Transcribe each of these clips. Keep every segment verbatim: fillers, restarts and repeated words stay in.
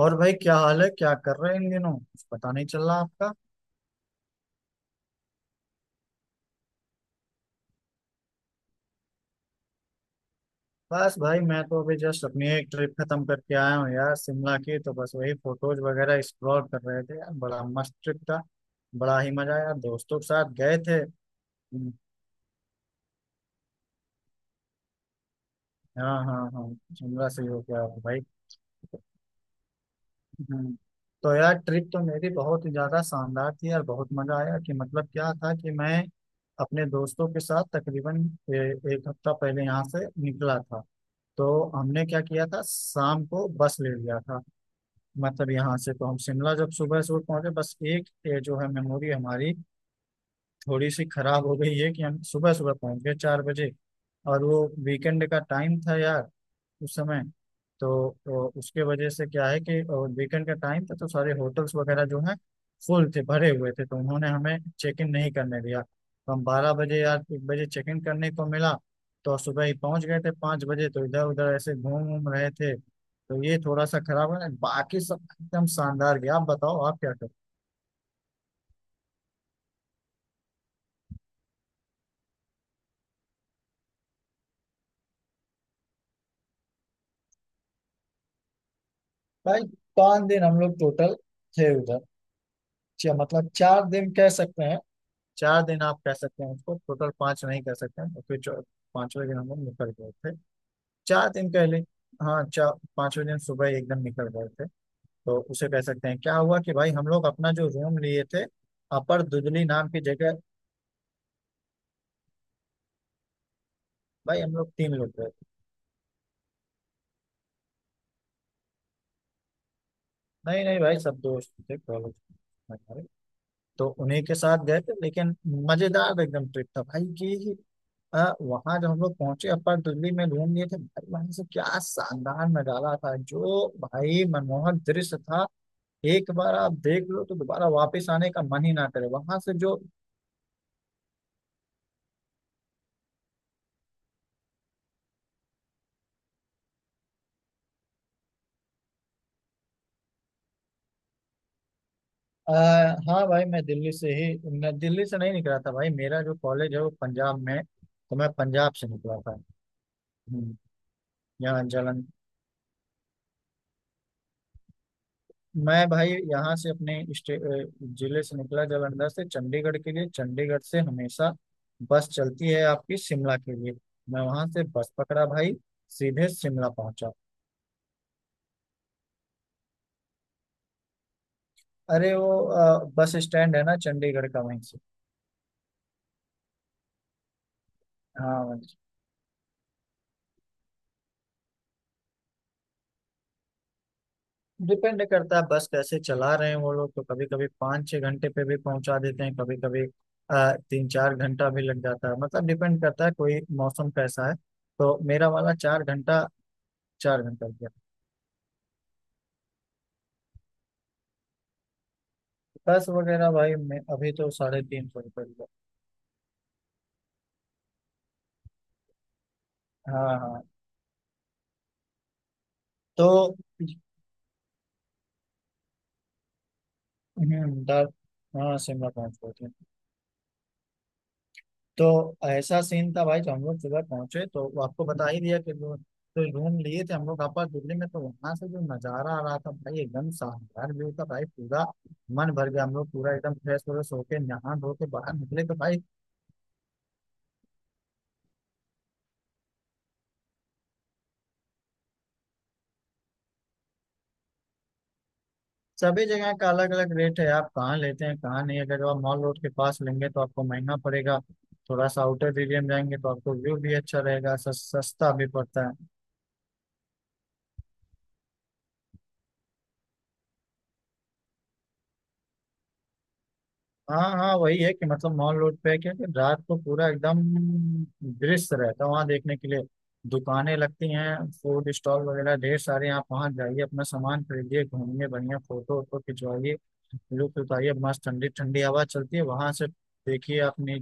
और भाई, क्या हाल है? क्या कर रहे हैं इन दिनों? कुछ पता नहीं चल रहा आपका। बस भाई, मैं तो अभी जस्ट अपनी एक ट्रिप खत्म करके आया हूँ यार, शिमला की। तो बस वही फोटोज वगैरह एक्सप्लोर कर रहे थे यार, बड़ा मस्त ट्रिप था। बड़ा ही मजा आया, दोस्तों के साथ गए थे। हम्म, हाँ हाँ हाँ, शिमला से ही होके आया हूँ भाई। हम्म, तो यार, ट्रिप तो मेरी बहुत ही ज्यादा शानदार थी यार, बहुत मजा आया। कि मतलब क्या था कि मैं अपने दोस्तों के साथ तकरीबन ए, एक हफ्ता पहले यहाँ से निकला था। तो हमने क्या किया था, शाम को बस ले लिया था। मतलब यहाँ से तो हम शिमला जब सुबह सुबह पहुंचे, बस एक ये जो है, मेमोरी हमारी थोड़ी सी खराब हो गई है कि हम सुबह सुबह पहुंच गए चार बजे, और वो वीकेंड का टाइम था यार, उस समय। तो, तो उसके वजह से क्या है कि वीकेंड का टाइम था, तो सारे होटल्स वगैरह जो हैं फुल थे, भरे हुए थे, तो उन्होंने हमें चेक इन नहीं करने दिया। तो हम बारह बजे या एक बजे चेक इन करने को मिला। तो सुबह ही पहुंच गए थे पाँच बजे, तो इधर उधर ऐसे घूम घूम रहे थे। तो ये थोड़ा सा खराब है, बाकी सब एकदम शानदार गया। आप बताओ, आप क्या कर। भाई पाँच दिन हम लोग टोटल थे उधर, च- मतलब चार दिन कह सकते हैं। चार दिन आप कह सकते हैं उसको, टोटल पांच नहीं कह सकते हैं, क्योंकि चौ- पांचवें दिन हम लोग निकल गए थे। चार दिन पहले, हाँ चार पांचवें दिन सुबह एकदम निकल गए थे। तो उसे कह सकते हैं, क्या हुआ कि भाई हम लोग अपना जो रूम लिए थे अपर दुदली नाम की जगह। भाई हम लोग तीन लोग गए थे। नहीं नहीं भाई, सब दोस्त थे, कॉलेज हमारे, तो उन्हीं के साथ गए थे। लेकिन मजेदार एकदम ट्रिप था भाई कि आ, वहां जब हम लोग पहुंचे अपर दिल्ली में रूम लिए थे भाई, वहां से क्या शानदार नजारा था, जो भाई मनमोहक दृश्य था। एक बार आप देख लो तो दोबारा वापस आने का मन ही ना करे वहां से जो। आ, हाँ भाई, मैं दिल्ली से ही न, दिल्ली से नहीं निकला था भाई। मेरा जो कॉलेज है वो पंजाब में है, तो मैं पंजाब से निकला था। हम्म, यहाँ जलन, मैं भाई यहाँ से अपने स्टे- अ, जिले से निकला, जालंधर से चंडीगढ़ के लिए। चंडीगढ़ से हमेशा बस चलती है आपकी शिमला के लिए, मैं वहां से बस पकड़ा भाई, सीधे शिमला पहुंचा। अरे वो अ, बस स्टैंड है ना चंडीगढ़ का, वहीं से। हाँ वहीं से। डिपेंड करता है बस कैसे चला रहे हैं वो लोग, तो कभी कभी पाँच छः घंटे पे भी पहुंचा देते हैं, कभी कभी अ, तीन चार घंटा भी लग जाता है। मतलब डिपेंड करता है कोई मौसम कैसा है। तो मेरा वाला चार घंटा, चार घंटा गया। बस वगैरह भाई मैं अभी तो साढ़े तीन सौ रुपये हुआ। हाँ हाँ। तो हम्म, दार हाँ, शिमला पहुंच गए थे। तो ऐसा सीन था भाई, जो हम लोग सुबह पहुंचे तो वो आपको बता ही दिया कि जो जो रूम लिए थे हम लोग आपस दिल्ली में, तो वहां से जो नजारा आ रहा था भाई एकदम शानदार व्यू था भाई पूरा, मन भर गया। हम लोग पूरा एकदम फ्रेश हो गए, सो के नहा धो के बाहर निकले तो भाई, सभी जगह का अलग अलग रेट है। आप कहाँ लेते हैं कहाँ नहीं। अगर आप मॉल रोड के पास लेंगे तो आपको महंगा पड़ेगा। थोड़ा सा आउटर एरिया में जाएंगे तो आपको व्यू भी अच्छा रहेगा, सस, सस्ता भी पड़ता है। हाँ हाँ, वही है कि मतलब मॉल रोड पे है क्योंकि रात को पूरा एकदम दृश्य रहता है वहाँ देखने के लिए। दुकानें लगती हैं, फूड स्टॉल वगैरह ढेर सारे, आप वहाँ जाइए, अपना सामान खरीदिए, घूमिए, बढ़िया फोटो वोटो खिंचवाइए, लुत्फ उठाइए। मस्त ठंडी ठंडी हवा चलती है वहां से, देखिए आपने।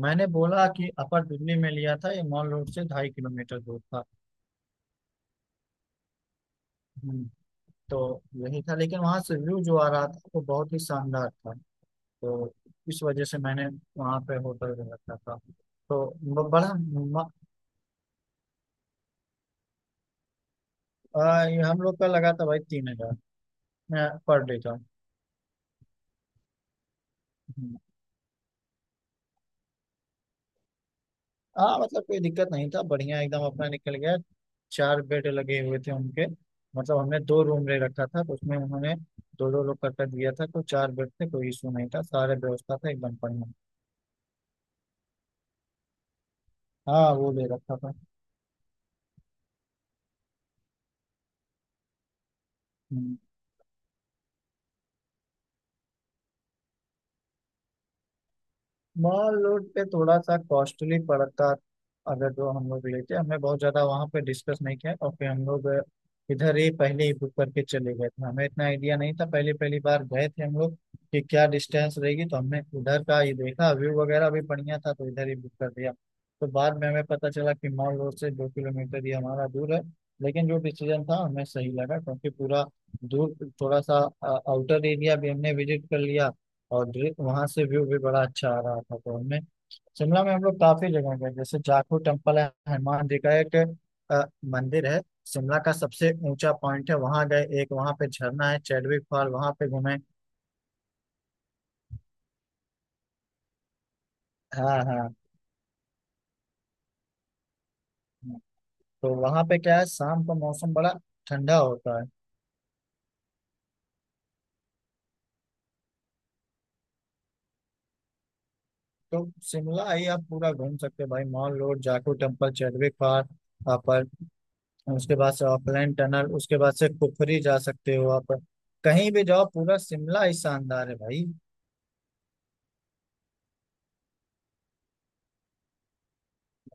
मैंने बोला कि अपर दिल्ली में लिया था, ये मॉल रोड से ढाई किलोमीटर दूर था। हम्म, तो यही था, लेकिन वहाँ से व्यू जो आ रहा था वो बहुत ही शानदार था। तो इस वजह से मैंने वहाँ पे होटल में रखा था। तो ब- बड़ा म- आ, ये हम लोग का लगा था भाई तीन हजार पर डे का। हम्म। हाँ मतलब कोई दिक्कत नहीं था, बढ़िया एकदम अपना निकल गया। चार बेड लगे हुए थे उनके, मतलब हमने दो रूम ले रखा था, तो उसमें उन्होंने दो दो लोग करके दिया था। तो चार बेड थे, कोई इशू नहीं था, सारे व्यवस्था था एकदम बढ़िया। हाँ वो ले रखा था। हम्म, मॉल रोड पे थोड़ा सा कॉस्टली पड़ता अगर जो हम लोग लेते। हमें बहुत ज्यादा वहाँ पे डिस्कस नहीं किया, और फिर हम लोग इधर ही पहले ही बुक करके चले गए थे। हमें इतना आइडिया नहीं था, पहली पहली बार गए थे हम लोग, कि क्या डिस्टेंस रहेगी, तो हमने उधर का ही देखा, व्यू वगैरह भी बढ़िया था तो इधर ही बुक कर दिया। तो बाद में हमें पता चला कि मॉल रोड से दो किलोमीटर ही हमारा दूर है, लेकिन जो डिसीजन था हमें सही लगा क्योंकि पूरा दूर थोड़ा सा आउटर एरिया भी हमने विजिट कर लिया, और दृ- वहां से व्यू भी बड़ा अच्छा आ रहा था तो हमने। शिमला में हम लोग काफी जगह गए, जैसे जाखू टेम्पल है, हनुमान जी का एक अ, मंदिर है, शिमला का सबसे ऊंचा पॉइंट है, वहां गए। एक वहां पे झरना है, चैडविक फॉल, वहां पे घूमे। हाँ हाँ। तो वहां पे क्या है, शाम का मौसम बड़ा ठंडा होता है। तो शिमला ही आप पूरा घूम सकते हैं भाई। Mall road, Jakhu temple, Chadwick fall, आप उसके बाद से ऑकलैंड टनल, उसके बाद से कुफरी जा सकते हो आप। कहीं भी जाओ पूरा शिमला ही शानदार है भाई।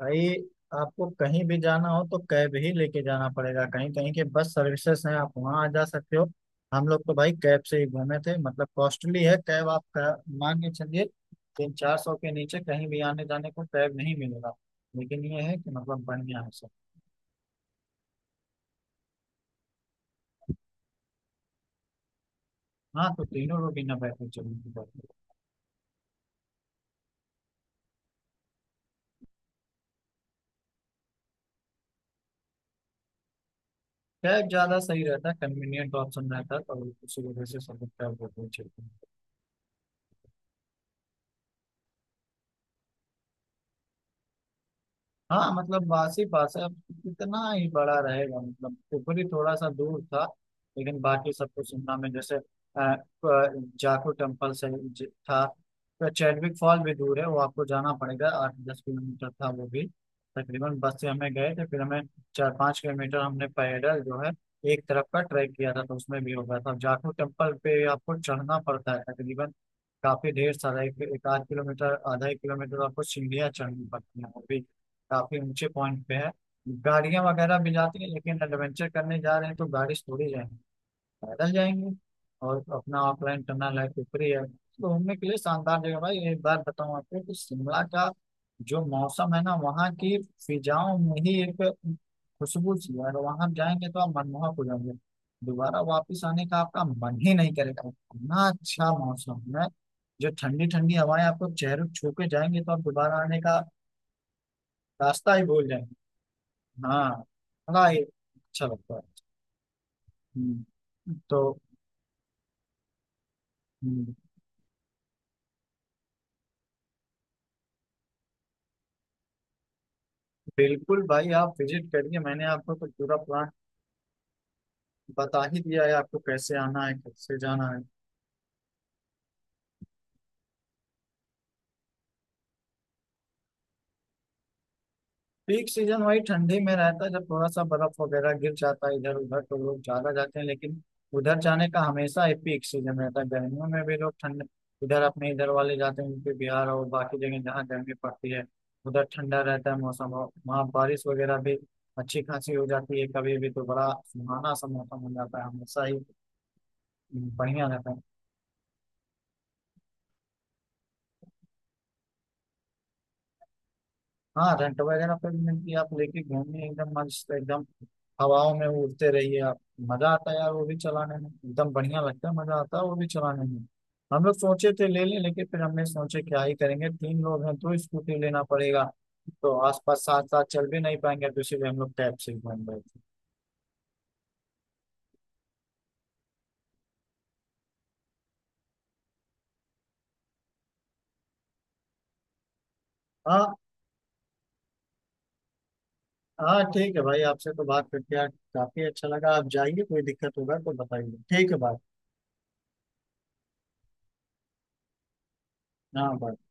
भाई आपको कहीं भी जाना हो तो कैब ही लेके जाना पड़ेगा। कहीं कहीं के बस सर्विसेज हैं, आप वहाँ आ जा सकते हो। हम लोग तो भाई कैब से ही घूमे थे, मतलब कॉस्टली है कैब, आप का- मान के चलिए तीन चार सौ के नीचे कहीं भी आने जाने को कैब नहीं मिलेगा। लेकिन ये है कि मतलब बढ़िया है सब। हाँ, तो तीनों लोग ही ना बैठे चलेंगे, बैठे। कैब ज्यादा सही रहता है, कन्वीनियंट ऑप्शन रहता है, तो उसी वजह से सब लोग कैब लेते हैं। हाँ मतलब वासी पास है, अब कितना ही बड़ा रहेगा, मतलब ऊपरी थोड़ा सा दूर था, लेकिन बाकी सब कुछ शिमला में। जैसे अ, अ, जाखू टेम्पल से ज- था, तो चैडविक फॉल भी दूर है, वो आपको जाना पड़ेगा, आठ दस किलोमीटर था वो भी तकरीबन। बस से हमें गए थे, फिर हमें चार पाँच किलोमीटर हमने पैदल जो है एक तरफ का ट्रैक किया था, तो उसमें भी हो गया था। जाखू टेम्पल पे आपको चढ़ना पड़ता है तकरीबन काफी ढेर सारा, एक, एक आध किलोमीटर, आधा एक किलोमीटर आपको सीढ़ियाँ चढ़नी पड़ती हैं, वो भी काफी ऊंचे पॉइंट पे है। गाड़ियां वगैरह भी जाती है, लेकिन एडवेंचर करने जा रहे हैं तो गाड़ी से थोड़ी जाएंगे, पैदल जाएंगे। और अपना ऑफलाइन टनल है ऊपरी है, तो घूमने के लिए शानदार जगह भाई। एक बार बताऊं आपको कि शिमला का जो मौसम है ना, वहाँ की फिजाओं में ही एक खुशबू सी है। अगर वहां जाएंगे तो आप मनमोहक हो जाएंगे, दोबारा वापिस आने का आपका मन ही नहीं करेगा, इतना अच्छा मौसम है। जो ठंडी ठंडी हवाएं आपको चेहरे को छू के जाएंगे, तो आप दोबारा आने का रास्ता ही भूल जाएंगे। हाँ, हाँ ये अच्छा लगता है। हम्म, तो हम्म, बिल्कुल भाई, आप विजिट करिए, मैंने आपको तो पूरा प्लान बता ही दिया है आपको, कैसे आना है कैसे जाना है। पीक सीजन वही ठंडी में रहता है जब थोड़ा सा बर्फ वगैरह गिर जाता है इधर उधर, तो लोग ज्यादा जाते हैं। लेकिन उधर जाने का हमेशा ही पीक सीजन रहता है, गर्मियों में भी लोग ठंड इधर अपने इधर वाले जाते हैं, उनके बिहार और बाकी जगह जहाँ गर्मी पड़ती है उधर ठंडा रहता है मौसम, और वहाँ बारिश वगैरह भी अच्छी खासी हो जाती है कभी भी, तो बड़ा सुहाना सा मौसम हो जाता है हमेशा ही, बढ़िया रहता है। हाँ, रेंट वगैरह पे भी मिलती है, आप लेके घूमिए एकदम मस्त, एकदम हवाओं में उड़ते रहिए आप। मजा आता है यार वो भी चलाने में, एकदम बढ़िया लगता है, मजा आता है वो भी चलाने में। हम लोग सोचे थे ले लें, लेकिन फिर हमने सोचे क्या ही करेंगे, तीन लोग हैं तो स्कूटी लेना पड़ेगा, तो आसपास साथ साथ चल भी नहीं पाएंगे, तो इसीलिए हम लोग टैब से ही घूम रहे थे। हाँ, हाँ ठीक है भाई, आपसे तो बात करके यार काफी अच्छा लगा। आप जाइए, कोई दिक्कत होगा तो बताइए, ठीक है भाई। हाँ भाई।